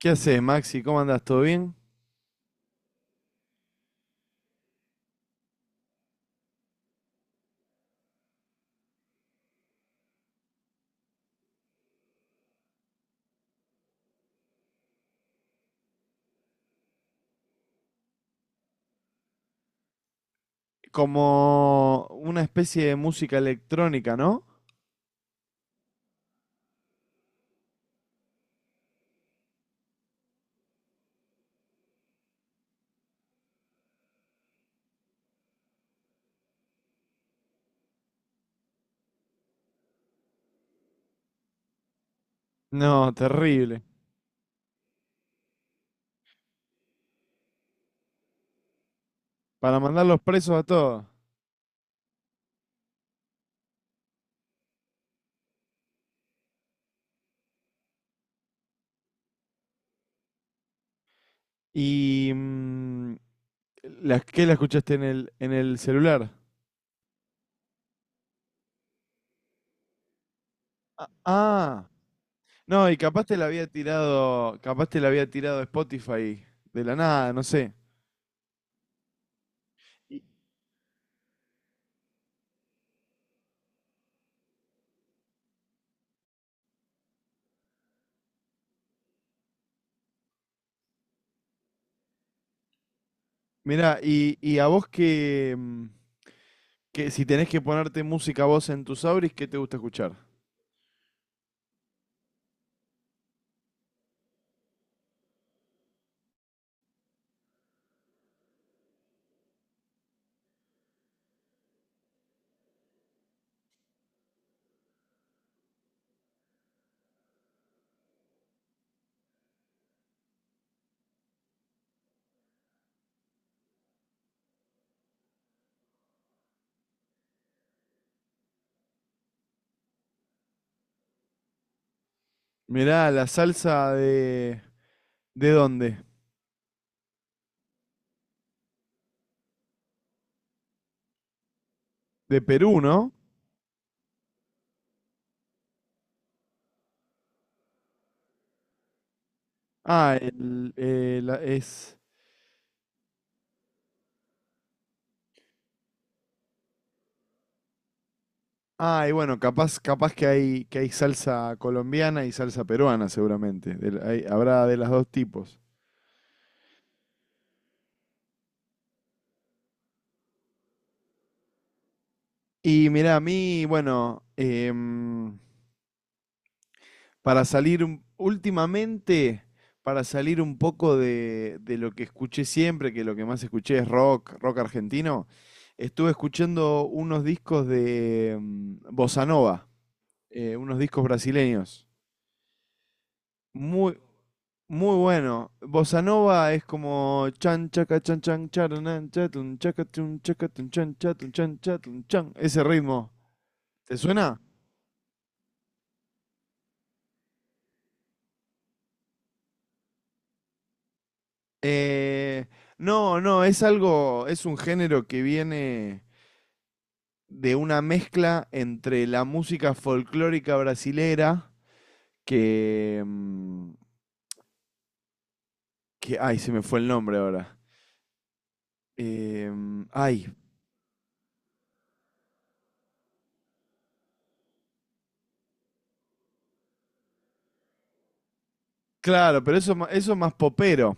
¿Qué haces, Maxi? ¿Cómo andás? ¿Todo bien? Como una especie de música electrónica, ¿no? No, terrible. Para mandarlos presos a todos. ¿Y qué la escuchaste en el celular? Ah, ah. No, y capaz te la había tirado, capaz te la había tirado Spotify de la nada, no sé. Y- Mirá, y a vos que si tenés que ponerte música vos en tus auris, ¿qué te gusta escuchar? Mirá, la salsa de... ¿De dónde? De Perú, ¿no? Ah, el, la- es. Ah, y bueno, capaz que que hay salsa colombiana y salsa peruana, seguramente. Habrá de los dos tipos. Y mirá, a mí, últimamente, para salir un poco de lo que escuché siempre, que lo que más escuché es rock argentino. Estuve escuchando unos discos de Bossa Nova, unos discos brasileños. Muy, Muy bueno. Bossa nova es como chan chaca chan chan charanan chatun chaca chun chaca tun chan chatun chan chatun chan. Ese ritmo. ¿Te suena? Eh, no, no, es algo, es un género que viene de una mezcla entre la música folclórica brasilera que, mm, que ay, se me fue el nombre ahora. Ay, claro, pero eso, eso es más popero.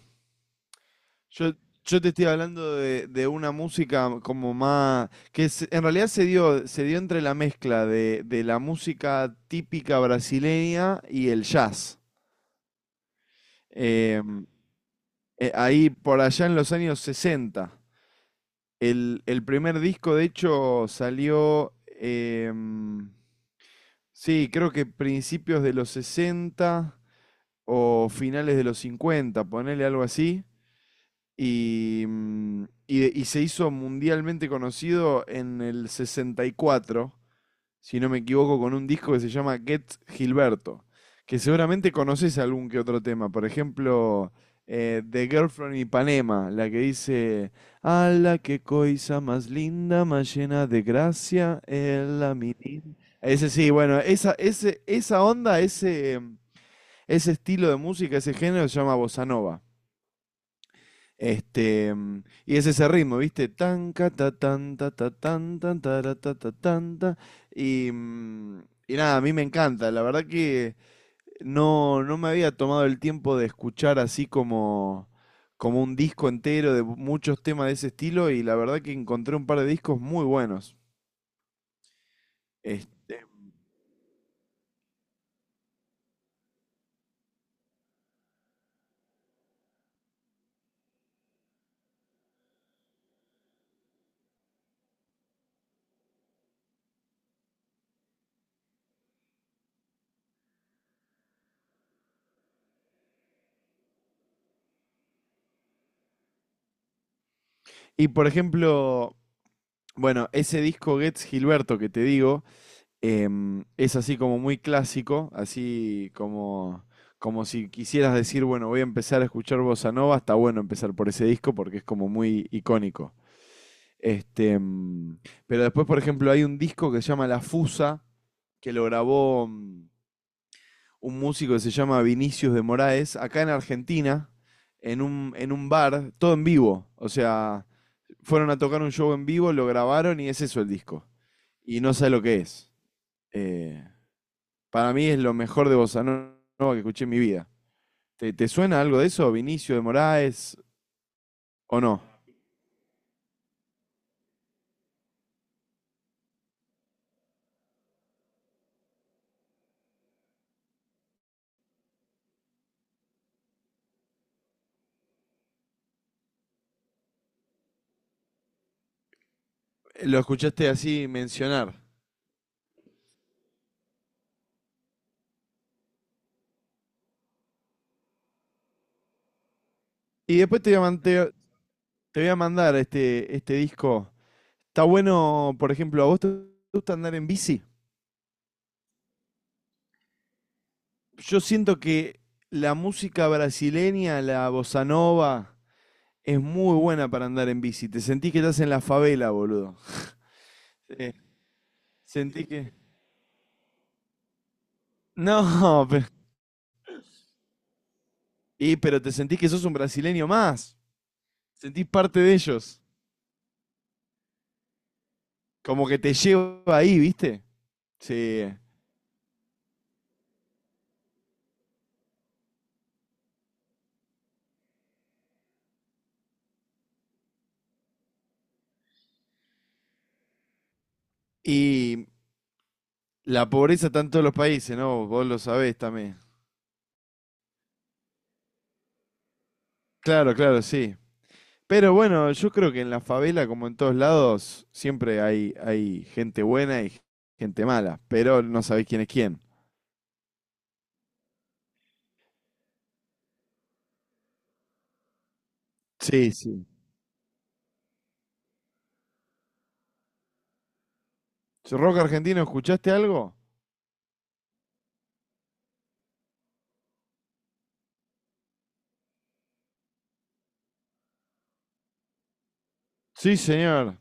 Yo, yo te estoy hablando de una música como más, en realidad se dio entre la mezcla de la música típica brasileña y el jazz. Em, Ahí por allá en los años sesenta. El primer disco, de hecho, salió, sí, creo que principios de los 60 o finales de los cincuenta, ponele algo así. Y se hizo mundialmente conocido en el 64, si no me equivoco, con un disco que se llama Get Gilberto, que seguramente conoces algún que otro tema. Por ejemplo, The Girl from Ipanema, la que dice, "a la que coisa más linda, más llena de gracia, es la mi-". Ese sí, bueno, esa onda, ese estilo de música, ese género se llama bossa nova. Y es ese ritmo, ¿viste? Tan, ca, ta, tan, ta, ta, tan, tan, tara, ta, ta, tan, ta. Y, mm, y nada, a mí me encanta. La verdad que no, no me había tomado el tiempo de escuchar así como, como un disco entero de muchos temas de ese estilo, y la verdad que encontré un par de discos muy buenos. Este, y por ejemplo, bueno, ese disco Gets Gilberto que te digo, es así como muy clásico, así como, como si quisieras decir, bueno, voy a empezar a escuchar bossa nova, está bueno empezar por ese disco porque es como muy icónico. Este, mm, pero después, por ejemplo, hay un disco que se llama La Fusa, que lo grabó un músico que se llama Vinicius de Moraes, acá en Argentina, en un bar, todo en vivo. O sea, fueron a tocar un show en vivo, lo grabaron y es eso el disco. Y no sé lo que es. Eh, para mí es lo mejor de Bossa Nova que escuché en mi vida. Te suena algo de eso, Vinicio de Moraes, o no? Lo escuchaste así mencionar. Y después te voy a te voy a mandar este disco. Está bueno. Por ejemplo, ¿a vos te gusta andar en bici? Yo siento que la música brasileña, la bossa nova, es muy buena para andar en bici. Te sentís que estás en la favela, boludo. Eh, Sentís que... No, y, pero te sentís que sos un brasileño más. Sentís parte de ellos. Como que te lleva ahí, ¿viste? Sí. Y la pobreza está en todos los países, ¿no? Vos lo sabés también. Claro, claro, sí. Pero bueno, yo creo que en la favela, como en todos lados, siempre hay, hay gente buena y gente mala. Pero no sabés quién es quién. Sí, sí. ¿Rock argentino, escuchaste algo? Sí, señor.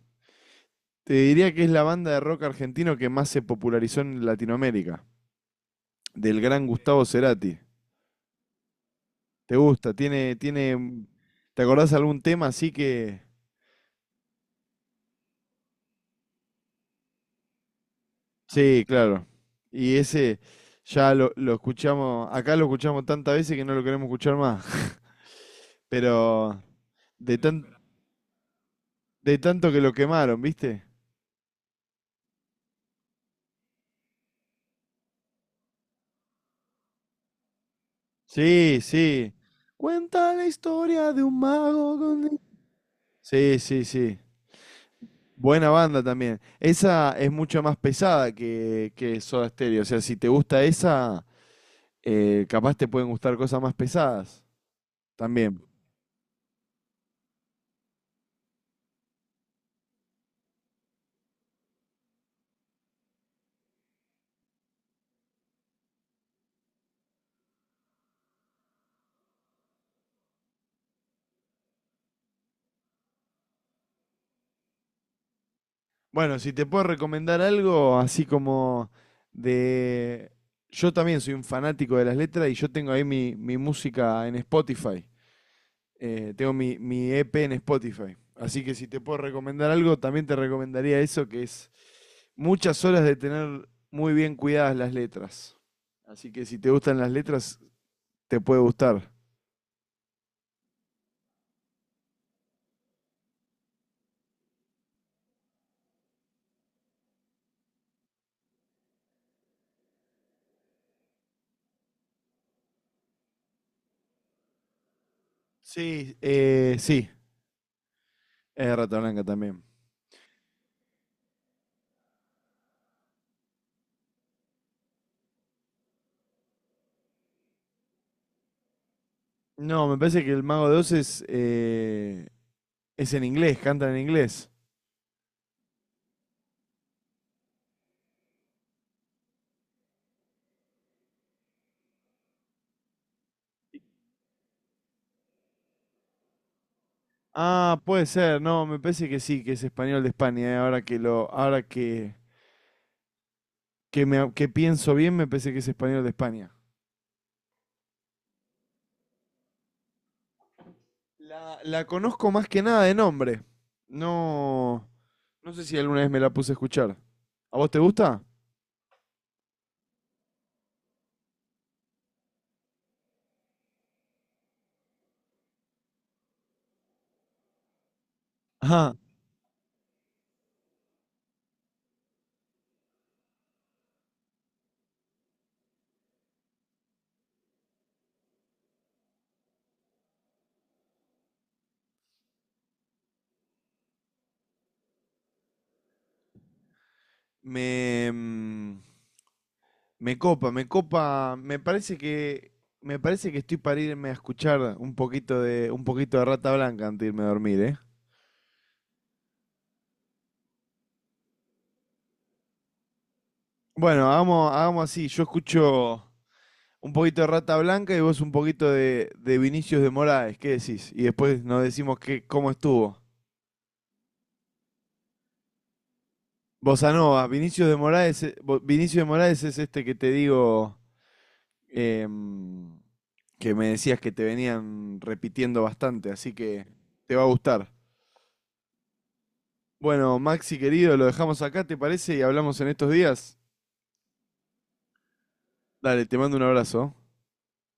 Te diría que es la banda de rock argentino que más se popularizó en Latinoamérica. Del gran Gustavo Cerati. ¿Te gusta? Te acordás algún tema así que... Sí, claro. Y ese ya lo escuchamos, acá lo escuchamos tantas veces que no lo queremos escuchar más. Pero de tan, de tanto que lo quemaron, ¿viste? Sí, sí. Cuenta la historia de un mago con... Sí, sí, sí. Buena banda también. Esa es mucho más pesada que Soda Stereo. O sea, si te gusta esa, capaz te pueden gustar cosas más pesadas también. Bueno, si te puedo recomendar algo, así como de... Yo también soy un fanático de las letras, y yo tengo ahí mi música en Spotify. Tengo mi EP en Spotify. Así que si te puedo recomendar algo, también te recomendaría eso, que es muchas horas de tener muy bien cuidadas las letras. Así que si te gustan las letras, te puede gustar. Sí, es de Rata Blanca también. No, me parece que el Mago de Oz es en inglés, cantan en inglés. Ah, puede ser, no, me parece que sí, que es español de España. Ahora que lo, ahora que me, que pienso bien, me parece que es español de España. La conozco más que nada de nombre. No, no sé si alguna vez me la puse a escuchar. ¿A vos te gusta? Ajá. Me, mm, Me copa, me parece me parece que estoy para irme a escuchar un poquito de Rata Blanca antes de irme a dormir, ¿eh? Bueno, hagamos así, yo escucho un poquito de Rata Blanca y vos un poquito de Vinicius de Moraes, ¿qué decís? Y después nos decimos cómo estuvo. Bossa Nova, Vinicius de Moraes, Vinicius de Moraes es este que te digo, em, que me decías que te venían repitiendo bastante, así que te va a gustar. Bueno, Maxi querido, lo dejamos acá, ¿te parece? Y hablamos en estos días. Dale, te mando un abrazo.